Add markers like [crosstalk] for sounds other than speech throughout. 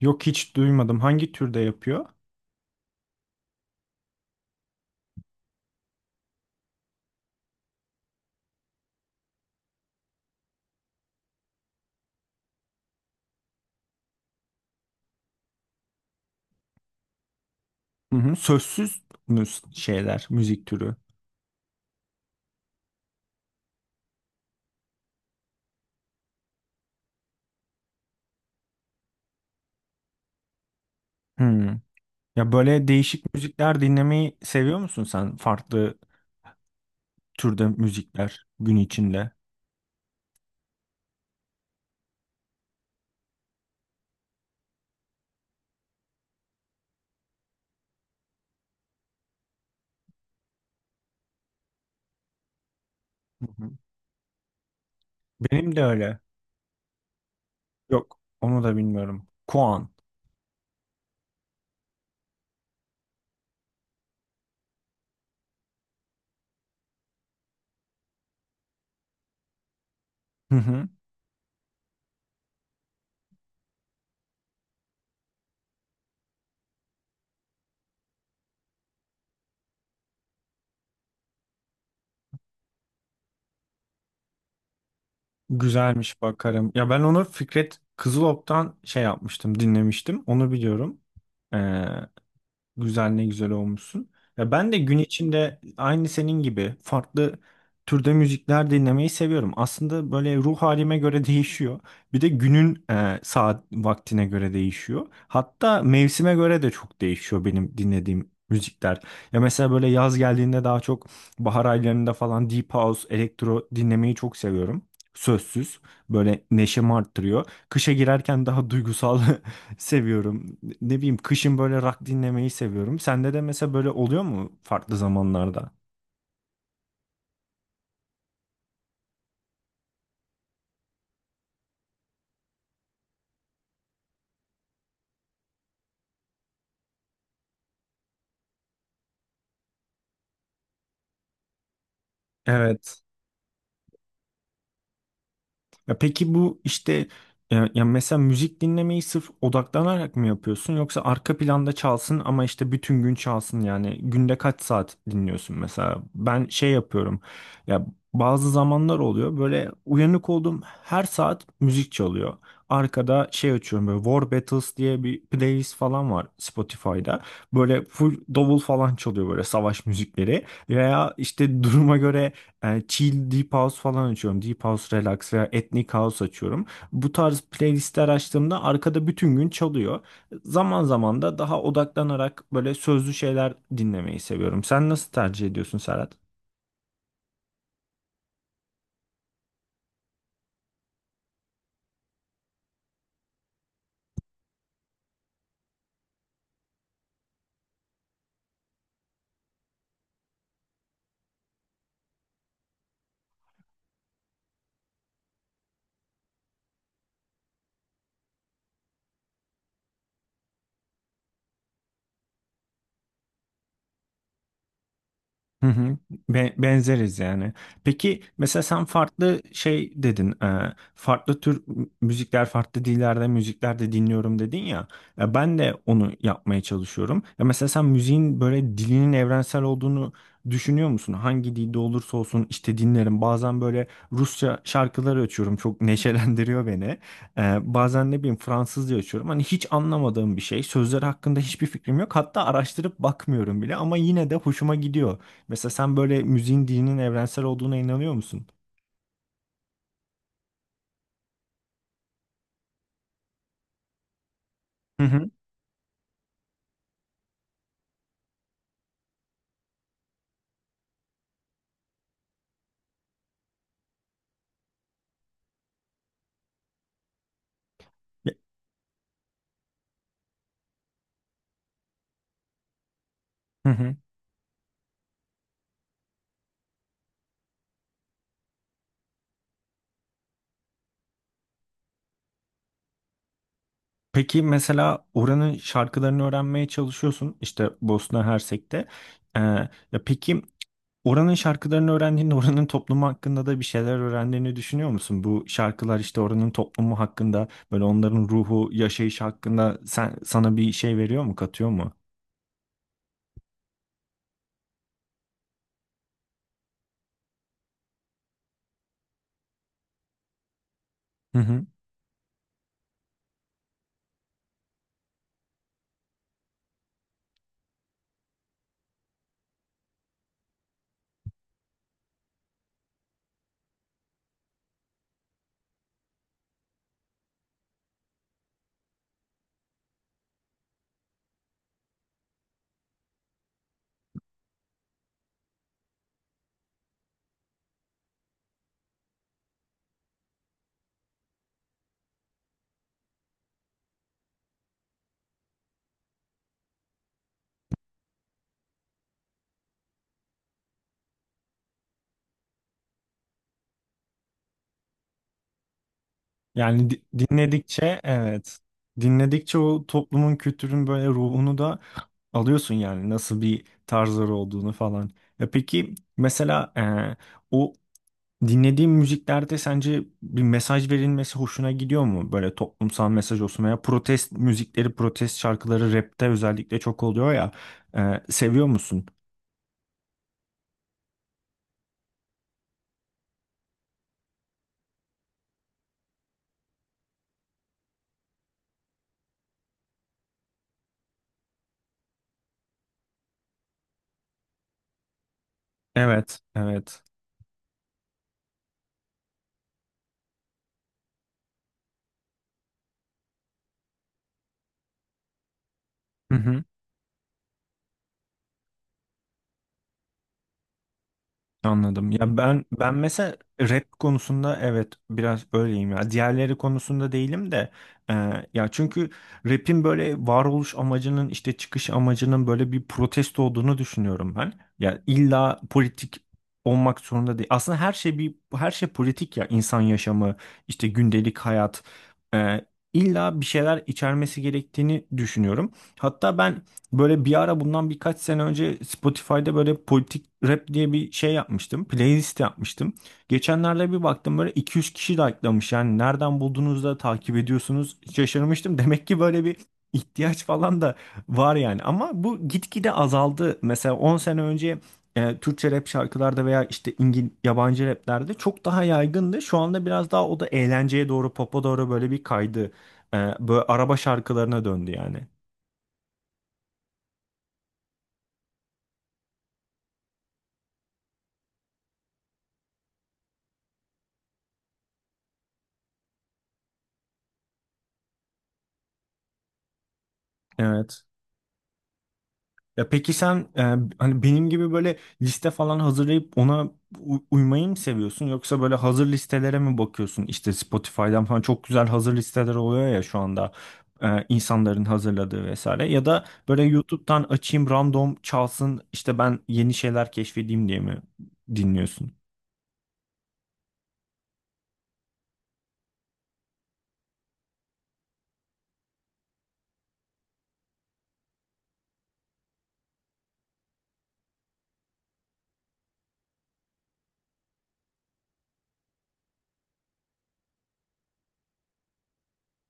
Yok, hiç duymadım. Hangi türde yapıyor? Hı hı. Sözsüz mü şeyler, müzik türü? Hmm. Ya böyle değişik müzikler dinlemeyi seviyor musun sen? Farklı türde müzikler gün içinde. Hı hı. Benim de öyle. Yok, onu da bilmiyorum. Kuan. Hı hı. Güzelmiş, bakarım. Ya ben onu Fikret Kızılok'tan şey yapmıştım, dinlemiştim. Onu biliyorum. Ee, Güzel ne güzel olmuşsun. Ya ben de gün içinde aynı senin gibi farklı türde müzikler dinlemeyi seviyorum. Aslında böyle ruh halime göre [laughs] değişiyor. Bir de günün saat vaktine göre değişiyor. Hatta mevsime göre de çok değişiyor benim dinlediğim müzikler. Ya mesela böyle yaz geldiğinde daha çok bahar aylarında falan deep house, elektro dinlemeyi çok seviyorum. Sözsüz böyle neşemi arttırıyor. Kışa girerken daha duygusal [laughs] seviyorum. Ne bileyim kışın böyle rock dinlemeyi seviyorum. Sende de mesela böyle oluyor mu farklı zamanlarda? Evet. Ya peki bu işte ya mesela müzik dinlemeyi sırf odaklanarak mı yapıyorsun yoksa arka planda çalsın ama işte bütün gün çalsın, yani günde kaç saat dinliyorsun? Mesela ben şey yapıyorum, ya bazı zamanlar oluyor böyle uyanık olduğum her saat müzik çalıyor, arkada şey açıyorum, böyle War Battles diye bir playlist falan var Spotify'da, böyle full davul falan çalıyor, böyle savaş müzikleri veya işte duruma göre chill deep house falan açıyorum. Deep house relax veya ethnic house açıyorum. Bu tarz playlistler açtığımda arkada bütün gün çalıyor. Zaman zaman da daha odaklanarak böyle sözlü şeyler dinlemeyi seviyorum. Sen nasıl tercih ediyorsun Serhat? Hı hı. Benzeriz yani. Peki mesela sen farklı şey dedin. Farklı tür müzikler, farklı dillerde müzikler de dinliyorum dedin ya. Ya ben de onu yapmaya çalışıyorum. Ya mesela sen müziğin böyle dilinin evrensel olduğunu düşünüyor musun? Hangi dilde olursa olsun işte dinlerim. Bazen böyle Rusça şarkılar açıyorum. Çok [laughs] neşelendiriyor beni. Bazen ne bileyim Fransızca açıyorum. Hani hiç anlamadığım bir şey. Sözleri hakkında hiçbir fikrim yok. Hatta araştırıp bakmıyorum bile ama yine de hoşuma gidiyor. Mesela sen böyle müziğin dinin evrensel olduğuna inanıyor musun? Hı hı. Hı hı. Peki mesela oranın şarkılarını öğrenmeye çalışıyorsun işte Bosna Hersek'te. Ee, ya peki oranın şarkılarını öğrendiğinde oranın toplumu hakkında da bir şeyler öğrendiğini düşünüyor musun? Bu şarkılar işte oranın toplumu hakkında böyle onların ruhu, yaşayışı hakkında sen, sana bir şey veriyor mu, katıyor mu? Hı hı. Yani dinledikçe evet. Dinledikçe o toplumun kültürün böyle ruhunu da alıyorsun yani, nasıl bir tarzları olduğunu falan. Ya peki mesela o dinlediğin müziklerde sence bir mesaj verilmesi hoşuna gidiyor mu? Böyle toplumsal mesaj olsun veya protest müzikleri, protest şarkıları rapte özellikle çok oluyor ya. Seviyor musun? Evet, evet. [laughs] Anladım. Ya ben mesela rap konusunda evet biraz öyleyim ya. Diğerleri konusunda değilim de e, çünkü rap'in böyle varoluş amacının, işte çıkış amacının böyle bir protesto olduğunu düşünüyorum ben. Ya illa politik olmak zorunda değil. Aslında her şey politik ya, insan yaşamı, işte gündelik hayat, e, illa bir şeyler içermesi gerektiğini düşünüyorum. Hatta ben böyle bir ara, bundan birkaç sene önce, Spotify'da böyle politik rap diye bir şey yapmıştım. Playlist yapmıştım. Geçenlerde bir baktım, böyle 200 kişi like'lamış. Yani nereden buldunuz da takip ediyorsunuz, şaşırmıştım. [laughs] Demek ki böyle bir ihtiyaç falan da var yani. Ama bu gitgide azaldı. Mesela 10 sene önce Türkçe rap şarkılarda veya işte yabancı raplerde çok daha yaygındı. Şu anda biraz daha o da eğlenceye doğru, popa doğru böyle bir kaydı. Böyle araba şarkılarına döndü yani. Evet. Ya peki sen hani benim gibi böyle liste falan hazırlayıp ona uymayı mı seviyorsun yoksa böyle hazır listelere mi bakıyorsun? İşte Spotify'dan falan çok güzel hazır listeler oluyor ya şu anda, insanların hazırladığı vesaire, ya da böyle YouTube'dan açayım random çalsın işte ben yeni şeyler keşfedeyim diye mi dinliyorsun?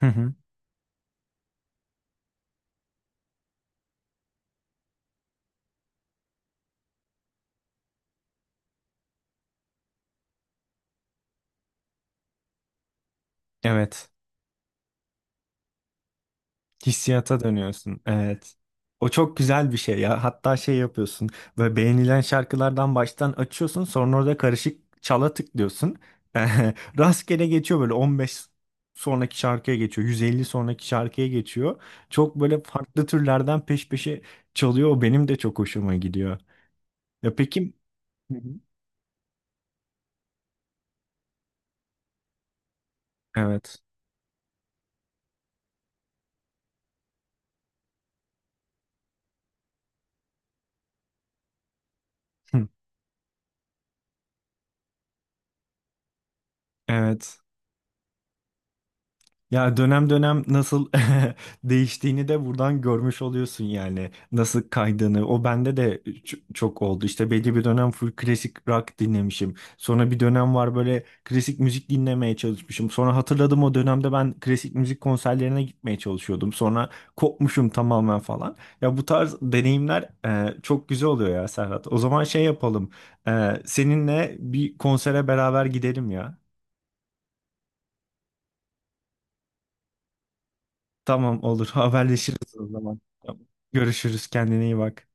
Hı hı. Evet. Hissiyata dönüyorsun. Evet. O çok güzel bir şey ya. Hatta şey yapıyorsun. Böyle beğenilen şarkılardan baştan açıyorsun. Sonra orada karışık çala tıklıyorsun. [laughs] Rastgele geçiyor, böyle 15 sonraki şarkıya geçiyor. 150 sonraki şarkıya geçiyor. Çok böyle farklı türlerden peş peşe çalıyor. O benim de çok hoşuma gidiyor. Ya peki. Hı hı. Evet. Hı. Evet. Ya dönem dönem nasıl [laughs] değiştiğini de buradan görmüş oluyorsun yani. Nasıl kaydığını. O bende de çok oldu. İşte belli bir dönem full klasik rock dinlemişim. Sonra bir dönem var, böyle klasik müzik dinlemeye çalışmışım. Sonra hatırladım, o dönemde ben klasik müzik konserlerine gitmeye çalışıyordum. Sonra kopmuşum tamamen falan. Ya bu tarz deneyimler çok güzel oluyor ya Serhat. O zaman şey yapalım. Seninle bir konsere beraber gidelim ya. Tamam, olur, [laughs] haberleşiriz o zaman. Tamam. Görüşürüz, kendine iyi bak.